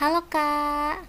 Halo kak.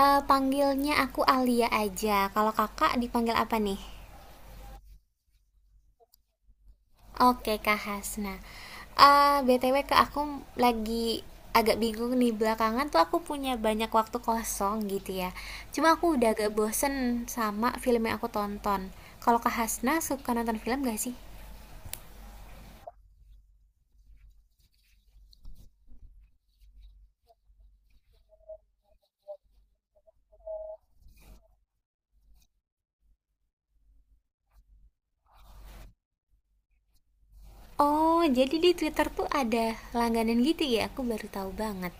Panggilnya aku Alia aja. Kalau kakak dipanggil apa nih? Oke kak Hasna. Btw kak, aku lagi agak bingung nih. Belakangan tuh aku punya banyak waktu kosong gitu ya. Cuma aku udah agak bosen sama film yang aku tonton. Kalau kak Hasna suka nonton film gak sih? Oh, jadi di Twitter tuh ada langganan gitu ya? Aku baru tahu banget.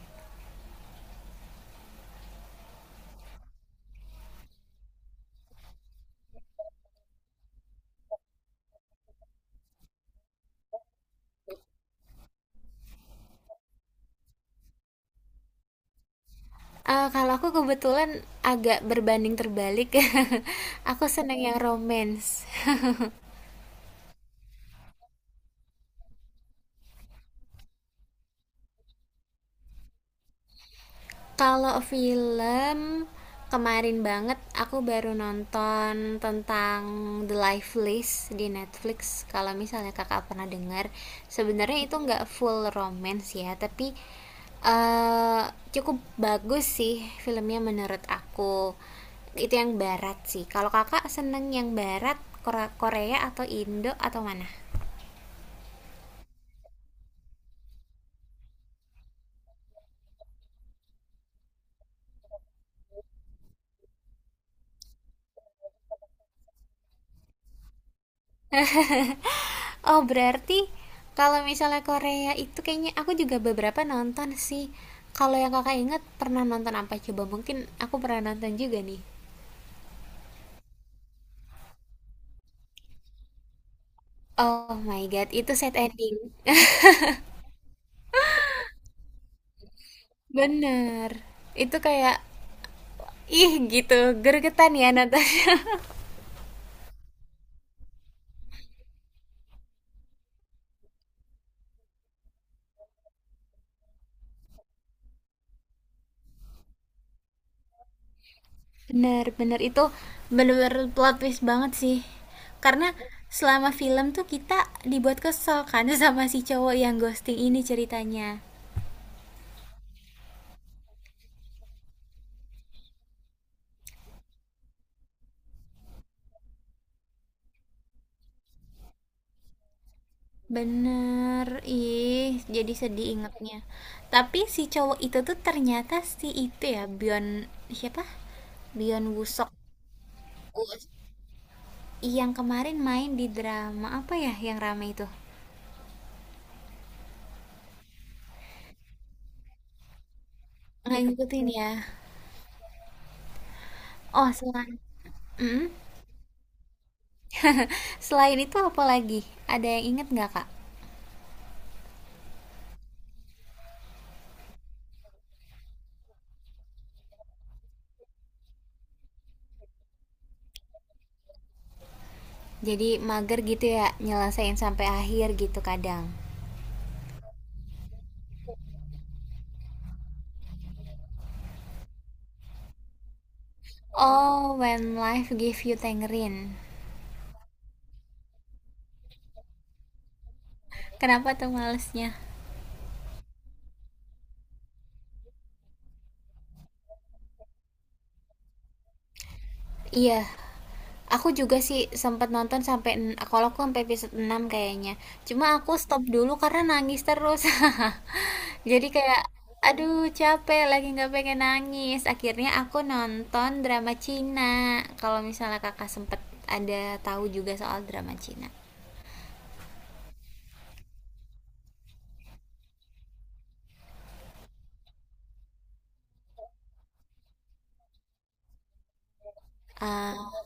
Kalau aku kebetulan agak berbanding terbalik. Aku seneng yang romance. Kalau film, kemarin banget aku baru nonton tentang The Life List di Netflix, kalau misalnya Kakak pernah dengar. Sebenarnya itu nggak full romance ya, tapi eee, cukup bagus sih filmnya menurut aku. Itu yang barat sih. Kalau Kakak seneng yang barat, Korea atau Indo atau mana? Oh, berarti kalau misalnya Korea itu kayaknya aku juga beberapa nonton sih. Kalau yang Kakak ingat pernah nonton apa coba? Mungkin aku pernah nonton juga nih. Oh my God, itu sad ending. Bener. Itu kayak ih gitu, gergetan ya nonton. Bener, bener itu bener-bener plot twist banget sih. Karena selama film tuh kita dibuat kesel kan sama si cowok yang ghosting ini ceritanya. Bener, ih, jadi sedih ingetnya. Tapi si cowok itu tuh ternyata si itu ya, Byeon siapa? Byeon woo. Yang kemarin main di drama apa ya yang rame itu? Nggak ngikutin ya. Oh, selain... Mm. Selain itu apa lagi? Ada yang inget nggak, Kak? Jadi mager gitu ya, nyelesain sampai akhir gitu kadang. Oh, When Life Give You Tangerine. Kenapa tuh malesnya? Iya. Aku juga sih sempet nonton sampai, kalau aku sampai episode 6 kayaknya. Cuma aku stop dulu karena nangis terus. Jadi kayak, aduh, capek lagi nggak pengen nangis. Akhirnya aku nonton drama Cina. Kalau misalnya kakak sempet ada tahu juga soal drama Cina. Eh,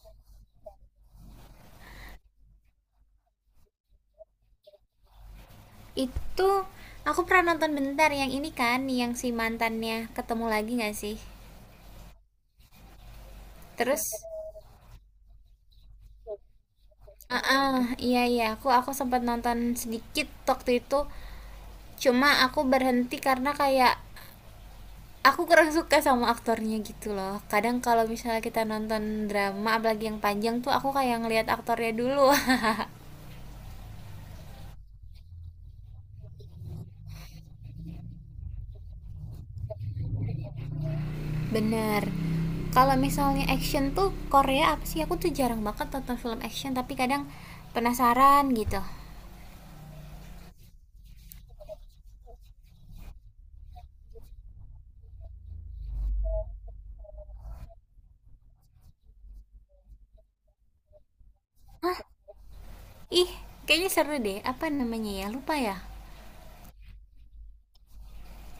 itu aku pernah nonton bentar yang ini kan, yang si mantannya ketemu lagi nggak sih? Terus, ah ah, iya iya, aku sempat nonton sedikit waktu itu. Cuma aku berhenti karena kayak aku kurang suka sama aktornya gitu loh. Kadang kalau misalnya kita nonton drama apalagi yang panjang tuh aku kayak ngelihat aktornya dulu. Bener. Kalau misalnya action tuh, Korea apa sih, aku tuh jarang banget nonton film action tapi kadang penasaran gitu. Ih, kayaknya seru deh. Apa namanya ya, lupa ya.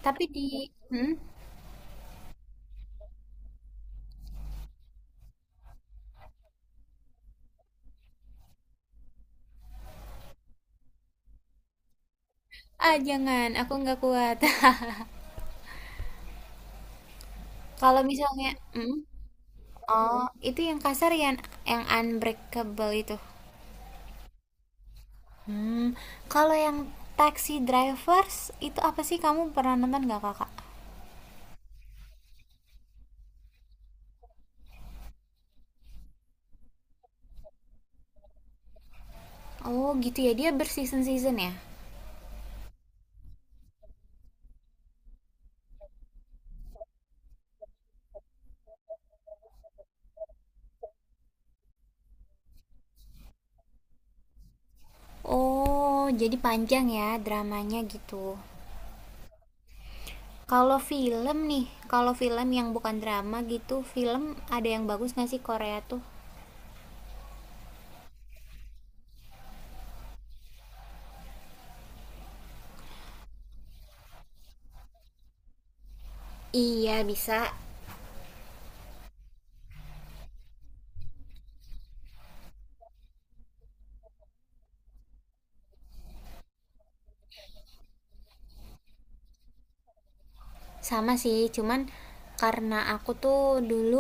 Tapi di... hmm? Ah, jangan, aku nggak kuat. Kalau misalnya... hmm? Oh, itu yang kasar, yang unbreakable itu. Hmm, kalau yang Taxi Drivers itu apa sih, kamu pernah nonton nggak kakak? Oh gitu ya, dia berseason-season ya? Oh, jadi panjang ya dramanya gitu. Kalau film nih, kalau film yang bukan drama gitu, film ada yang bagus nggak sih Korea tuh? Iya bisa. Sama sih, cuman karena aku tuh dulu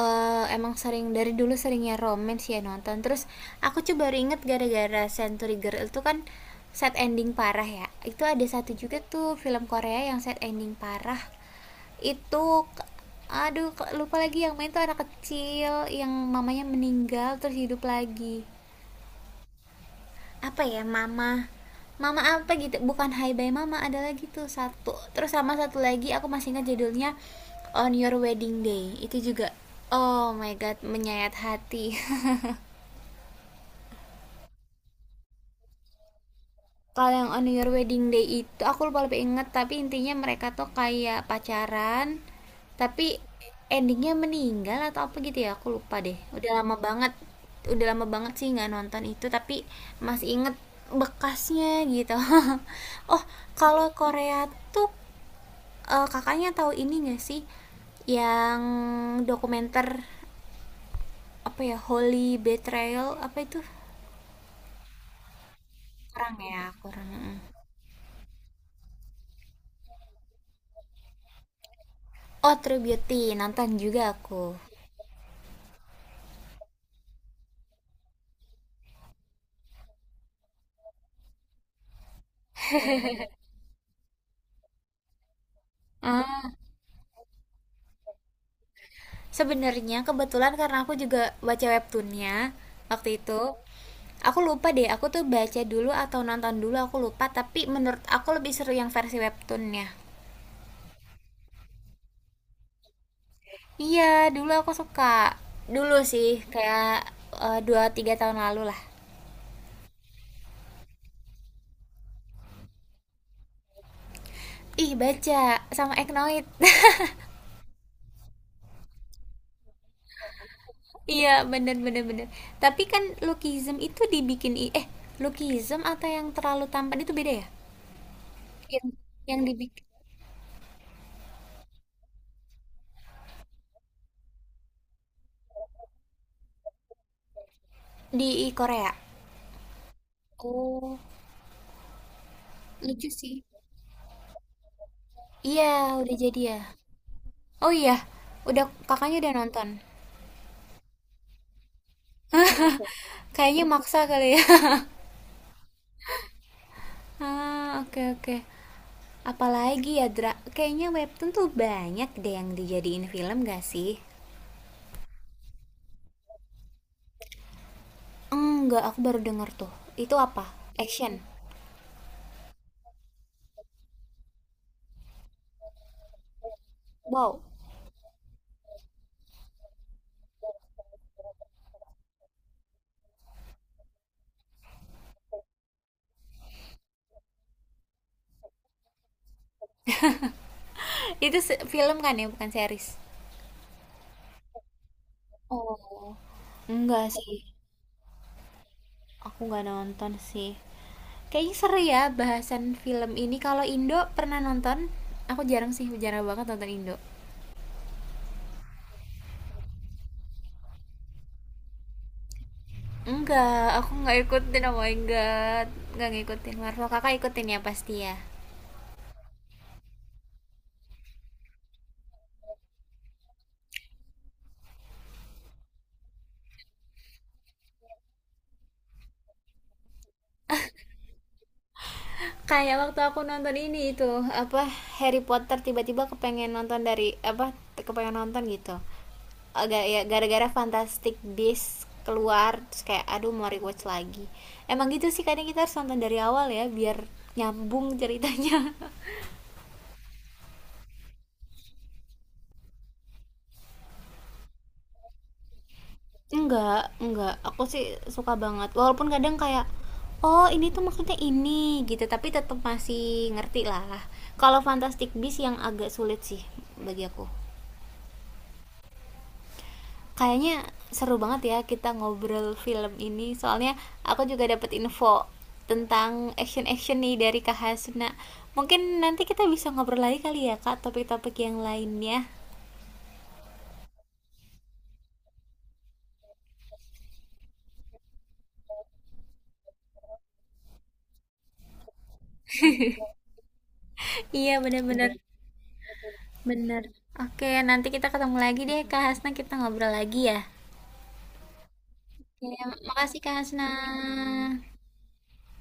emang sering dari dulu seringnya romance ya nonton. Terus aku tuh baru inget gara-gara Century Girl itu kan sad ending parah ya. Itu ada satu juga tuh film Korea yang sad ending parah. Itu, aduh, lupa lagi. Yang main tuh anak kecil yang mamanya meninggal terus hidup lagi, apa ya, mama mama apa gitu, bukan hi bye mama, ada lagi tuh satu. Terus sama satu lagi aku masih ingat judulnya, on your wedding day itu juga oh my god menyayat hati. Kalau yang on your wedding day itu aku lupa, lebih inget tapi intinya mereka tuh kayak pacaran, tapi endingnya meninggal atau apa gitu ya, aku lupa deh, udah lama banget. Udah lama banget sih nggak nonton itu, tapi masih inget bekasnya gitu. Oh, kalau Korea tuh kakaknya tahu ini nggak sih, yang dokumenter apa ya, Holy Betrayal apa itu. Kurang ya, kurang. Mm. Oh, True Beauty nonton juga aku. Ah, sebenarnya kebetulan karena aku juga baca webtoonnya waktu itu. Aku lupa deh, aku tuh baca dulu atau nonton dulu aku lupa, tapi menurut aku lebih seru yang versi webtoonnya. Iya, dulu aku suka. Dulu sih, kayak dua tiga tahun lalu lah. Ih, baca sama Eknoid. Iya, bener bener bener. Tapi kan Lookism itu dibikin Lookism atau yang terlalu tampan itu beda ya? Yang yang dibikin di Korea. Oh, lucu sih. Iya, udah jadi ya. Oh iya, udah kakaknya udah nonton. Kayaknya maksa kali ya. Ah, oke oke. Apalagi ya, Dra. Kayaknya webtoon tuh banyak deh yang dijadiin film gak sih? Enggak, aku baru denger tuh. Itu apa? Action. Wow. Itu film kan ya, bukan series. Oh, enggak sih. Aku nggak nonton sih. Kayaknya seru ya bahasan film ini. Kalau Indo pernah nonton? Aku jarang sih, jarang banget nonton Indo. Enggak, aku nggak ikutin, oh my god. Nggak ngikutin Marvel, kakak ikutin ya pasti ya. Kayak waktu aku nonton ini, itu apa, Harry Potter, tiba-tiba kepengen nonton dari, apa, kepengen nonton gitu. Agak ya gara-gara Fantastic Beasts keluar, terus kayak aduh mau rewatch lagi. Emang gitu sih, kadang kita harus nonton dari awal ya, biar nyambung ceritanya. Enggak enggak, aku sih suka banget. Walaupun kadang kayak, "Oh, ini tuh maksudnya ini," gitu, tapi tetap masih ngerti lah. Kalau Fantastic Beasts yang agak sulit sih bagi aku. Kayaknya seru banget ya kita ngobrol film ini, soalnya aku juga dapat info tentang action-action nih dari Kak Hasna. Mungkin nanti kita bisa ngobrol lagi kali ya, Kak, topik-topik yang lainnya. Iya, bener-bener. Iya. Bener. Oke, nanti kita ketemu lagi deh, Kak Hasna. Kita ngobrol lagi ya. Iya, makasih Kak Asna.